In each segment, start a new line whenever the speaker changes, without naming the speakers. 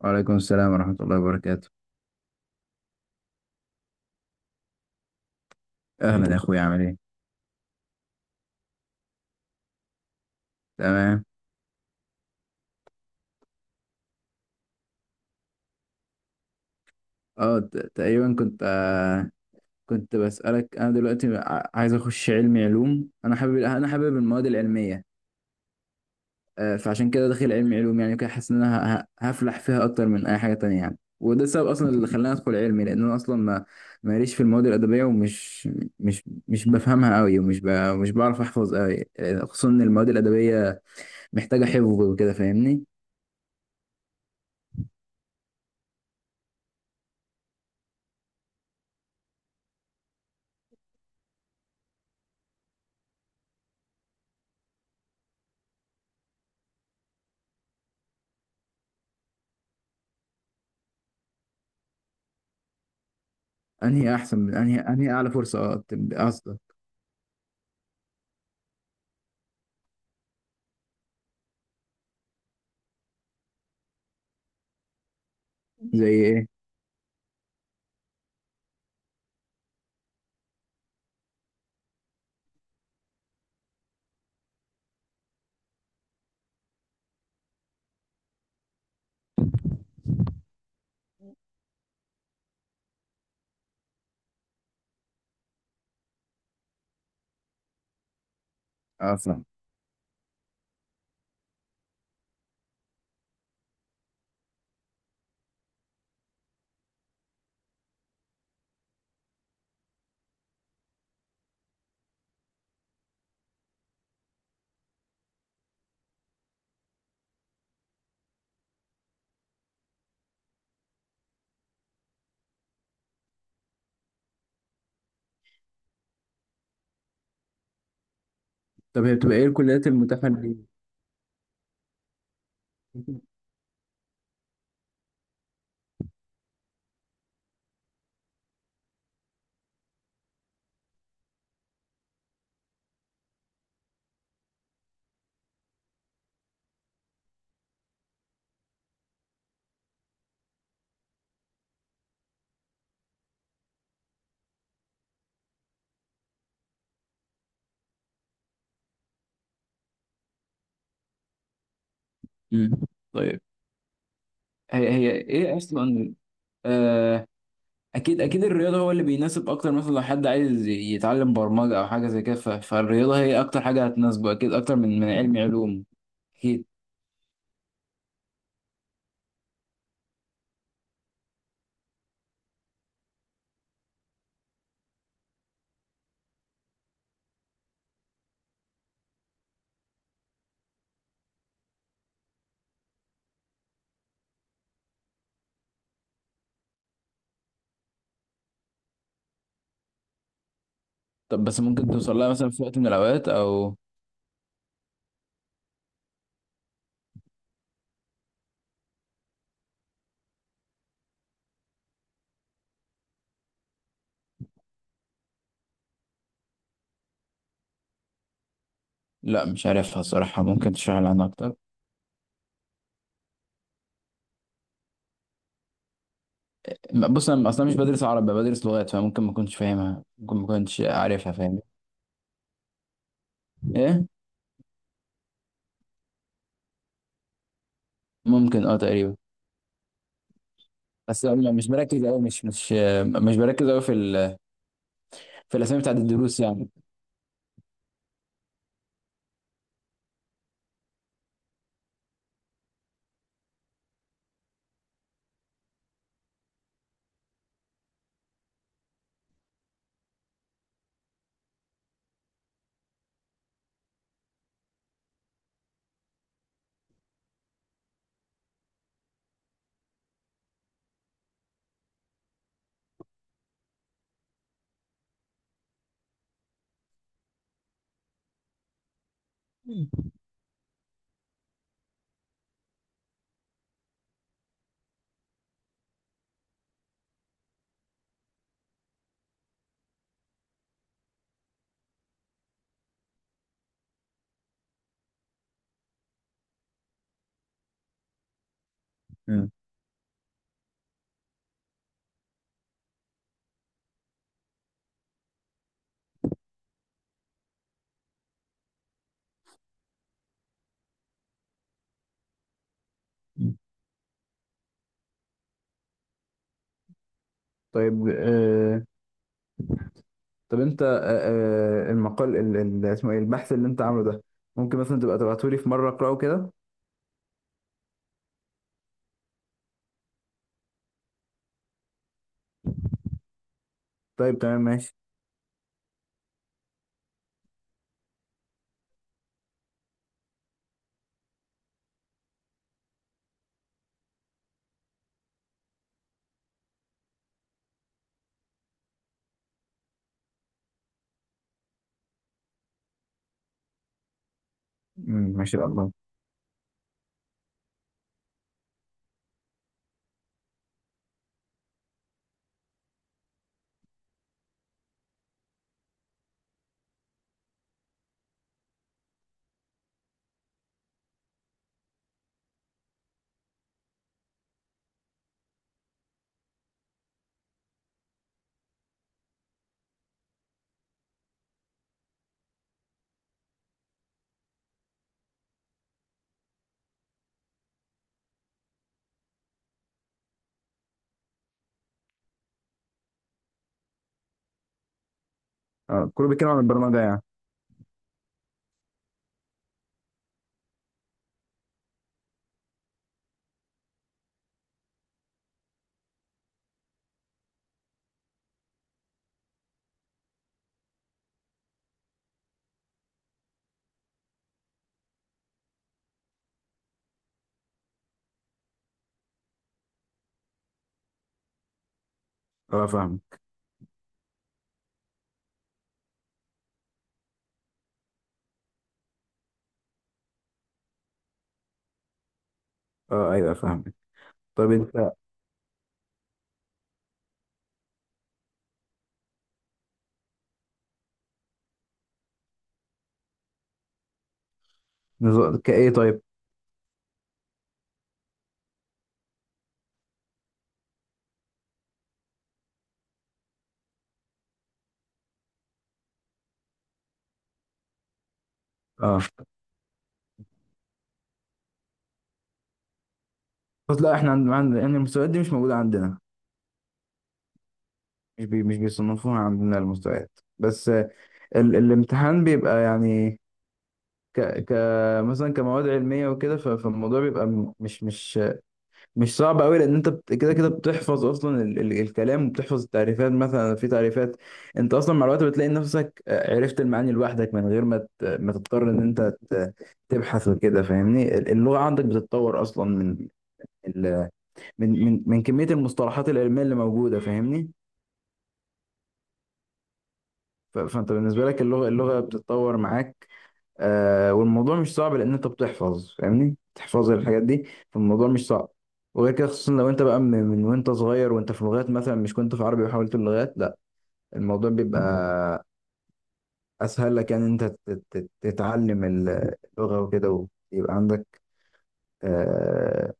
وعليكم السلام ورحمة الله وبركاته. أهلا يا عليكم، أخويا عامل إيه؟ تمام. تقريبا كنت بسألك، أنا دلوقتي عايز أخش علمي علوم، أنا حابب، أنا حابب المواد العلمية. فعشان كده داخل علمي علوم، يعني كده حاسس إن أنا هفلح فيها أكتر من أي حاجة تانية يعني، وده السبب أصلا اللي خلاني أدخل علمي، لأن أنا أصلا ما ماليش في المواد الأدبية، ومش مش مش بفهمها أوي، مش بعرف أحفظ أوي، خصوصا إن المواد الأدبية محتاجة حفظ وكده، فاهمني؟ انهي احسن من انهي اعلى فرصه؟ اه، قصدك؟ زي ايه؟ اه، فاهم. طب هي بتبقى ايه الكليات المتاحه لي؟ مم. طيب. هي ايه اصلا؟ آه. اكيد اكيد الرياضه هو اللي بيناسب اكتر، مثلا لو حد عايز يتعلم برمجه او حاجه زي كده فالرياضه هي اكتر حاجه هتناسبه، اكيد اكتر من علم علوم. اكيد. طب بس ممكن توصل لها مثلا في وقت من الاوقات او... لا، مش عارفها الصراحه، ممكن تشرح لي عنها اكتر؟ بص انا اصلا مش بدرس عربي، بدرس لغات، فممكن ما كنتش فاهمها، ممكن ما كنتش عارفها، فاهم؟ ايه، ممكن تقريبا. بس مش بركز قوي في في الاسامي بتاعت الدروس يعني. مم. طيب. طب انت، المقال اسمه ايه، البحث اللي انت عامله ده؟ ممكن مثلا تبقى تبعته لي في مره اقراه كده؟ طيب، تمام، ماشي. ماشي الله. كله بيتكلم عن البرمجه يعني. اه، فاهم. اه، ايوه، فاهم. طيب انت، كايه طيب. اه، بس لا، احنا عندنا يعني المستويات دي مش موجوده عندنا. مش بيصنفوها عندنا المستويات. بس ال الامتحان بيبقى يعني، ك ك مثلا كمواد علميه وكده، فالموضوع بيبقى مش صعب قوي، لان انت كده كده بتحفظ اصلا ال الكلام، وبتحفظ التعريفات، مثلا في تعريفات انت اصلا مع الوقت بتلاقي نفسك عرفت المعاني لوحدك من غير ما تضطر ان انت ت- تبحث وكده فاهمني. اللغه عندك بتتطور اصلا من ال من من من كميه المصطلحات العلميه اللي موجوده فاهمني. فانت بالنسبه لك، اللغه بتتطور معاك. والموضوع مش صعب، لان انت بتحفظ، فاهمني، بتحفظ الحاجات دي، فالموضوع مش صعب. وغير كده خصوصا لو انت بقى من وانت صغير، وانت في لغات، مثلا مش كنت في عربي وحاولت اللغات. لا، الموضوع بيبقى اسهل لك يعني، انت تتعلم اللغة وكده. ويبقى عندك آه،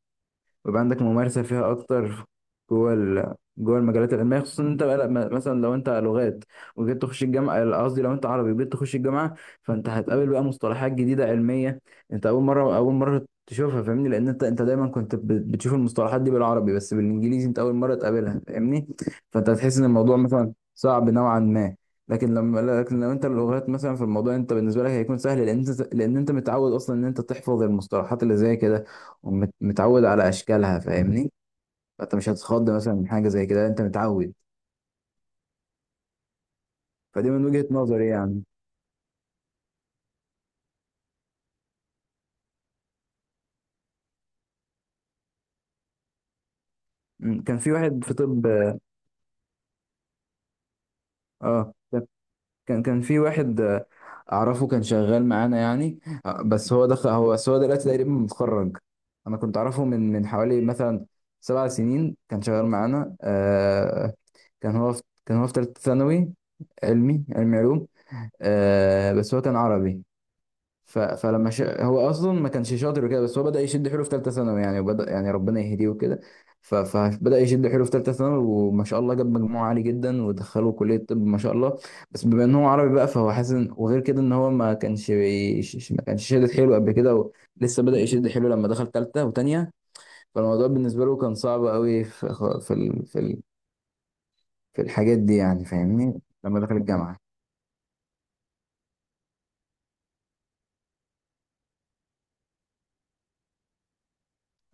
ويبقى عندك ممارسة فيها أكتر جوه المجالات العلمية، خصوصا إن أنت بقى مثلا لو أنت لغات وجيت تخش الجامعة، قصدي لو أنت عربي وجيت تخش الجامعة. فأنت هتقابل بقى مصطلحات جديدة علمية، أنت أول مرة تشوفها فاهمني، لأن أنت دايما كنت بتشوف المصطلحات دي بالعربي، بس بالإنجليزي أنت أول مرة تقابلها فاهمني. فأنت هتحس إن الموضوع مثلا صعب نوعا ما. لكن لو انت اللغات مثلا في الموضوع انت بالنسبه لك هيكون سهل، لان انت متعود اصلا ان انت تحفظ المصطلحات اللي زي كده، ومتعود على اشكالها فاهمني. فانت مش هتتخض مثلا من حاجه زي كده، انت متعود. فدي من وجهه نظري يعني. كان في واحد في طب. اه، كان في واحد، اعرفه، كان شغال معانا يعني. بس هو دلوقتي تقريبا متخرج. انا كنت اعرفه من حوالي مثلا 7 سنين، كان شغال معانا. كان هو في ثالثه ثانوي، علمي علوم. بس هو كان عربي. هو اصلا ما كانش شاطر وكده، بس هو بدأ يشد حيله في ثالثه ثانوي يعني، وبدأ يعني ربنا يهديه وكده. فبدأ يشد حيله في ثالثه ثانوي، وما شاء الله جاب مجموع عالي جدا ودخله كلية طب ما شاء الله. بس بما ان هو عربي بقى فهو حاسس وغير كده ان هو ما كانش ما كانش شادد حيله قبل كده لسه بدأ يشد حيله لما دخل ثالثه وثانيه. فالموضوع بالنسبة له كان صعب قوي في ال... في ال... في الحاجات دي يعني فاهمني، لما دخل الجامعة.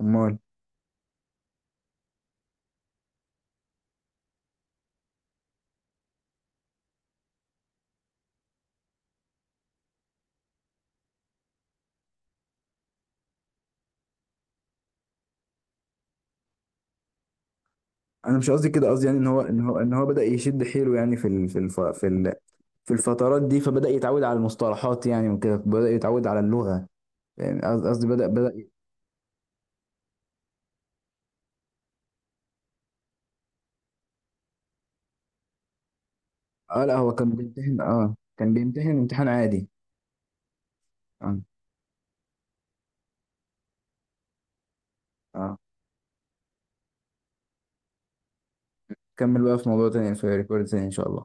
امال، انا مش قصدي كده، قصدي يعني ان هو بدأ يشد حيله يعني في ال- في الف... في ال... في الفترات دي، فبدأ يتعود على المصطلحات يعني، وكده بدأ يتعود على اللغة. يعني قصدي بدأ. اه، لا، هو كان بيمتحن امتحان عادي. اه. اه، كمل بقى في موضوع تاني في ريكورد تاني ان شاء الله.